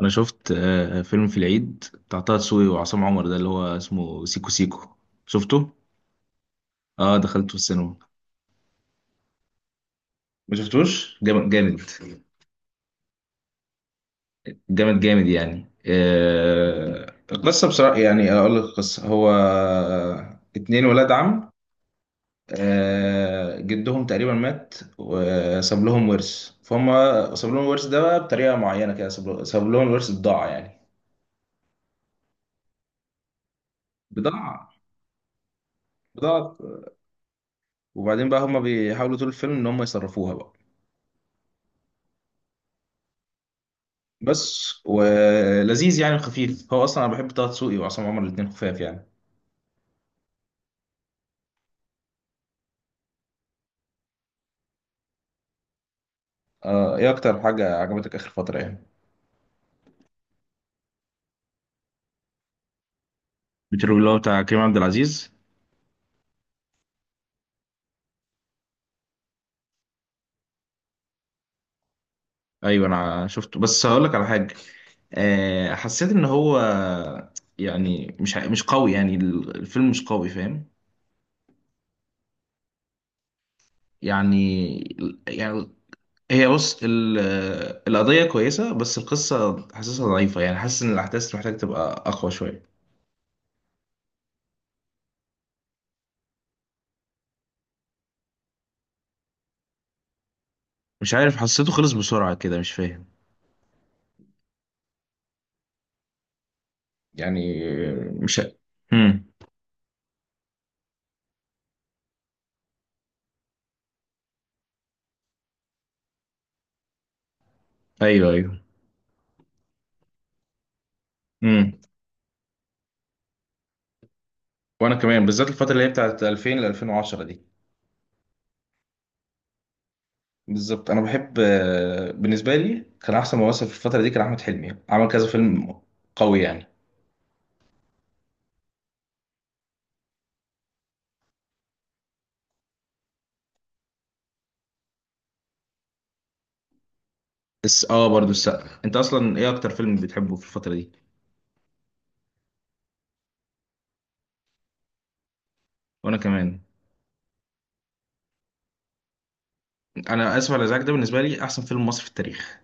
انا شفت فيلم في العيد بتاع طه دسوقي وعصام عمر ده اللي هو اسمه سيكو سيكو. شفته. اه، دخلته في السينما. ما شفتوش. جامد جامد. جامد جامد يعني. القصه بصراحه، يعني اقول لك القصه، هو اتنين ولاد عم. جدهم تقريبا مات وساب لهم ورث فهم. ساب لهم الورث ده بقى بطريقه معينه كده، ساب لهم الورث بضاعه يعني. بضاعه. بضاعه. وبعدين بقى هم بيحاولوا طول الفيلم ان هم يصرفوها بقى. بس ولذيذ يعني، خفيف، هو اصلا انا بحب طه دسوقي وعصام عمر الاثنين خفاف يعني. آه، ايه اكتر حاجه عجبتك اخر فتره يعني؟ بتروي اللي هو بتاع كريم عبد العزيز؟ ايوه، انا شفته بس هقول لك على حاجه. حسيت ان هو، يعني مش قوي، يعني الفيلم مش قوي، فاهم؟ يعني. يعني. هي، بص، القضيه كويسه بس القصه حاسسها ضعيفه، يعني حاسس ان الاحداث محتاج تبقى اقوى شويه. مش عارف، حسيته خلص بسرعه كده، مش فاهم. يعني. مش. امم. ايوه ايوه. امم. وانا كمان، بالذات الفتره اللي هي بتاعت 2000 ل 2010 دي. بالظبط انا بحب. بالنسبه لي كان احسن ممثل في الفتره دي كان احمد حلمي، عمل كذا فيلم قوي يعني. بس برضو السقا. انت اصلا ايه اكتر فيلم بتحبه في الفتره دي؟ وانا كمان. انا اسف على الازعاج ده بالنسبه لي احسن فيلم مصري في التاريخ.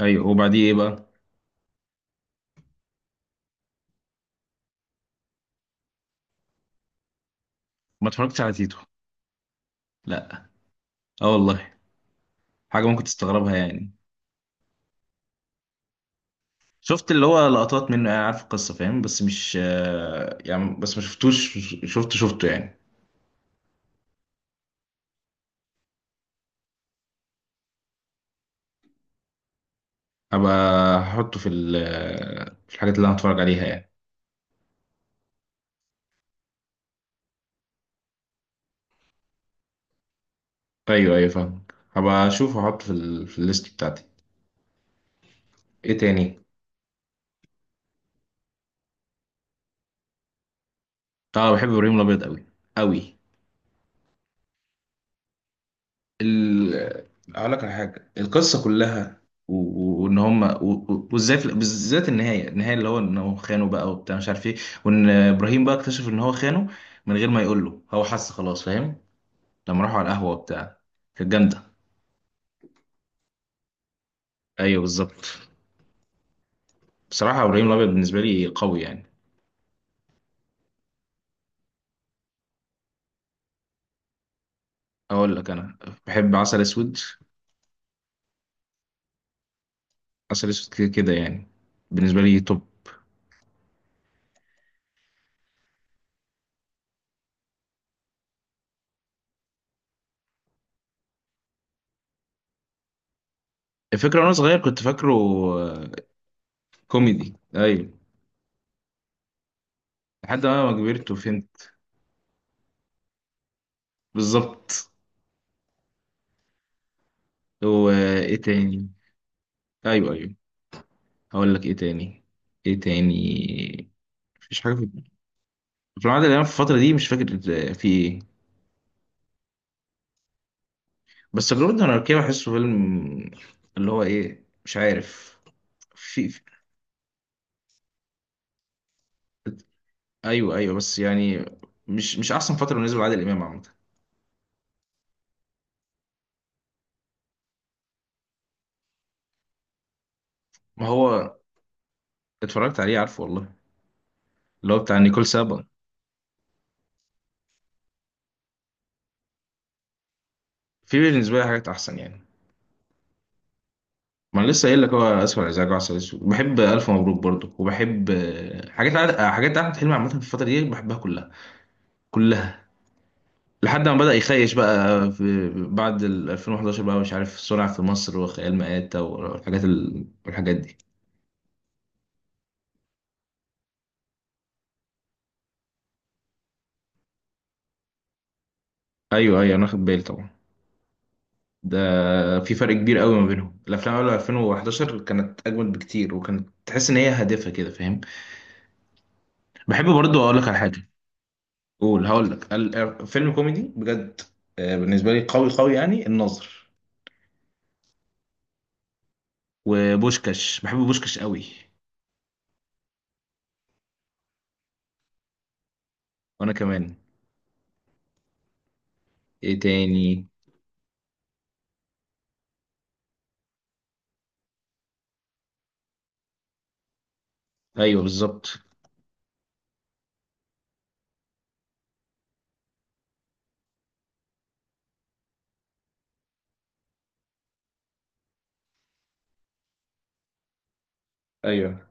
ايوه، وبعديه ايه بقى؟ ما اتفرجتش على تيتو. لا. اه والله. حاجه ممكن تستغربها يعني. شفت اللي هو لقطات منه يعني، عارف القصة فاهم، بس مش، يعني، بس ما شفتوش. شفته يعني. هبقى. هحطه في في الحاجات اللي انا هتفرج عليها يعني. ايوه ايوه فاهم. هبقى اشوف، هحطه في في الليست بتاعتي. ايه تاني؟ اه، بحب ابراهيم الابيض قوي قوي. ال... آه، اقول لك على حاجة، القصة كلها، وان هم، وازاي بالذات النهاية النهاية اللي هو انه خانه بقى وبتاع مش عارف ايه. وان ابراهيم بقى اكتشف ان هو خانه من غير ما يقول له، هو حس خلاص فاهم. لما راحوا على القهوة وبتاع، كانت جامدة. أيوه بالظبط. بصراحة إبراهيم الأبيض بالنسبة لي قوي يعني. أقول لك أنا. بحب عسل أسود. عسل أسود كده كده يعني، بالنسبة لي توب. الفكرة وأنا صغير كنت فاكره آه، كوميدي. أيوه، لحد ما كبرت وفهمت. بالظبط. وإيه تاني؟ أيوه أيوه. هقول لك إيه تاني. إيه تاني. مفيش حاجة في. في العادة اللي أنا في الفترة دي مش فاكر. في إيه. بس تجربة الأناركية بحسه فيلم اللي هو إيه مش عارف في. ايوه ايوه، بس يعني مش احسن فتره بالنسبه لعادل امام عامه. ما هو اتفرجت عليه، عارفه والله. اللي هو بتاع نيكول سابا. في بالنسبه لي حاجات احسن يعني. ما انا لسه قايل لك، هو اسف على الازعاج وعسل اسود، بحب الف مبروك برضه، وبحب آه، حاجات عاد- آه، حاجات احمد حلمي عامه في الفتره دي بحبها كلها. كلها. لحد ما بدا يخيش بقى في بعد ال 2011 بقى، مش عارف صنع في مصر وخيال مآتة والحاجات دي. ايوه ايوه، انا واخد بالي طبعا. ده في فرق كبير قوي ما بينهم، الافلام قبل 2011 كانت اجمد بكتير وكانت تحس ان هي هادفه كده فاهم. بحب برضو، اقول لك على حاجه. هقول لك فيلم كوميدي بجد. بالنسبه لي قوي قوي يعني الناظر. وبوشكاش، بحب بوشكاش قوي. وانا كمان. ايه تاني؟ ايوه بالظبط. ايوه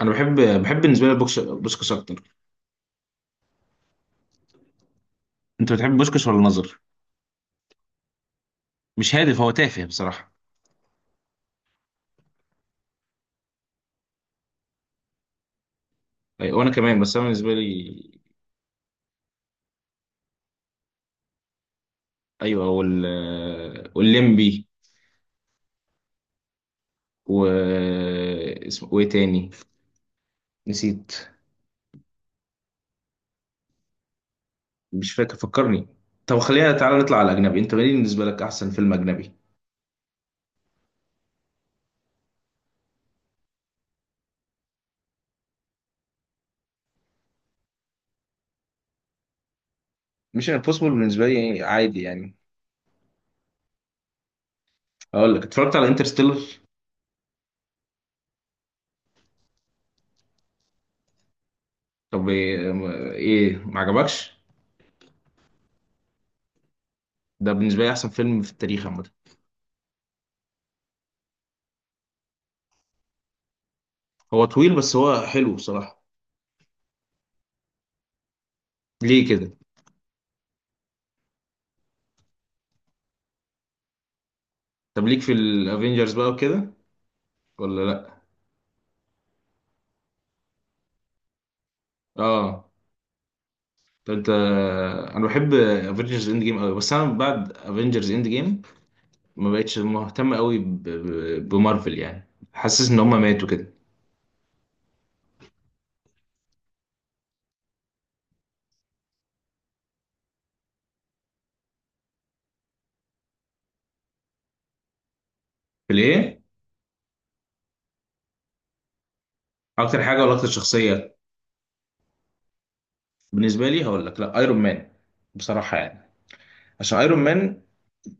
انا بحب، بالنسبه لي بوشكاش اكتر. انت بتحب بوشكاش ولا الناظر؟ مش هادف، هو تافه بصراحه. أيوة وانا كمان، بس انا بالنسبه لي. ايوه والليمبي و اسمه، وايه تاني؟ نسيت. مش فاكر فكرني. طب، خلينا تعالى نطلع على الاجنبي. انت مين بالنسبه لك احسن فيلم اجنبي؟ مش امبوسيبل بالنسبه لي عادي يعني. اقول لك، اتفرجت على انترستيلر. طب ايه، ما عجبكش؟ ده بالنسبه لي احسن فيلم في التاريخ عامه. هو طويل بس هو حلو بصراحه. ليه كده؟ طب، ليك في الافينجرز بقى وكده ولا لا؟ اه. طب انت. انا بحب افينجرز اند جيم قوي، بس انا بعد افينجرز اند جيم ما بقتش مهتم قوي بمارفل يعني. حاسس ان هم ماتوا كده. ليه؟ اكتر حاجه ولا اكتر شخصيه؟ بالنسبه لي هقول لك، لا ايرون مان بصراحه يعني. عشان ايرون مان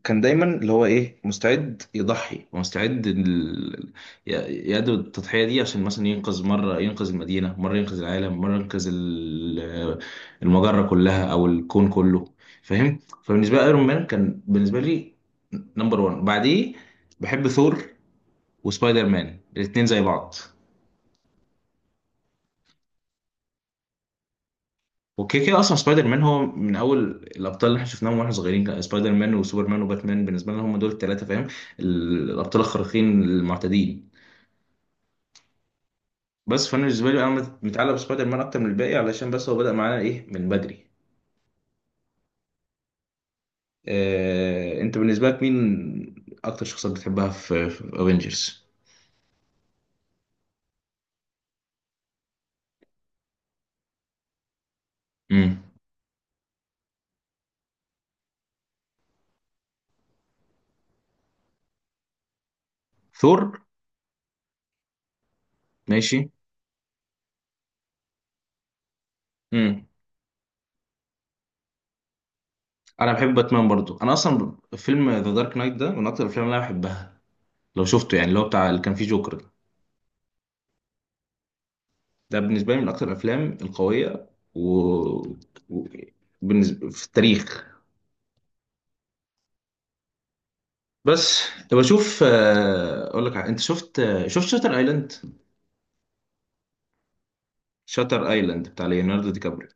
كان دايما اللي هو ايه مستعد يضحي، ومستعد ي- يأدي التضحيه دي، عشان مثلا ينقذ مره، ينقذ المدينه مره، ينقذ العالم مره، ينقذ المجره كلها او الكون كله فاهم. فبالنسبه لي ايرون مان كان بالنسبه لي نمبر 1. بعديه بحب ثور وسبايدر مان الاثنين زي بعض. وكده كده، اصلا سبايدر مان هو من اول الابطال اللي احنا شفناهم واحنا صغيرين. كان سبايدر مان وسوبرمان وباتمان بالنسبه لنا هم دول الثلاثه فاهم، الابطال الخارقين المعتدين. بس فانا بالنسبه لي انا متعلق بسبايدر مان اكتر من الباقي، علشان بس هو بدأ معانا ايه من بدري. انت بالنسبه لك مين اكتر شخصيات بتحبها في افنجرز؟ امم. ثور. ماشي. امم. انا بحب باتمان برضو، انا اصلا فيلم ذا دارك نايت ده من اكتر الافلام اللي انا بحبها، لو شفته يعني، اللي هو بتاع اللي كان فيه جوكر. ده بالنسبة لي من أكتر الأفلام القوية و... و... بالنسبة في التاريخ. بس، طب أشوف. أقول لك، أنت شفت شاتر أيلاند؟ شاتر أيلاند بتاع ليوناردو دي كابريو.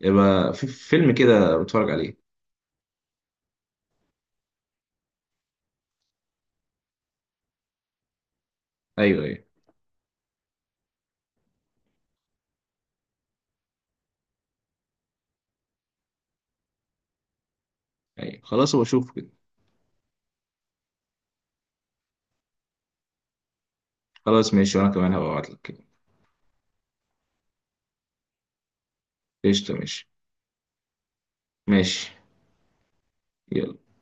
يبقى في فيلم كده بتفرج عليه. أيوه أيوه أيوه، خلاص هو أشوفه كده. خلاص ماشي، وأنا كمان هبقى أبعت لك كده. قشطة ماشي. ماشي يلا.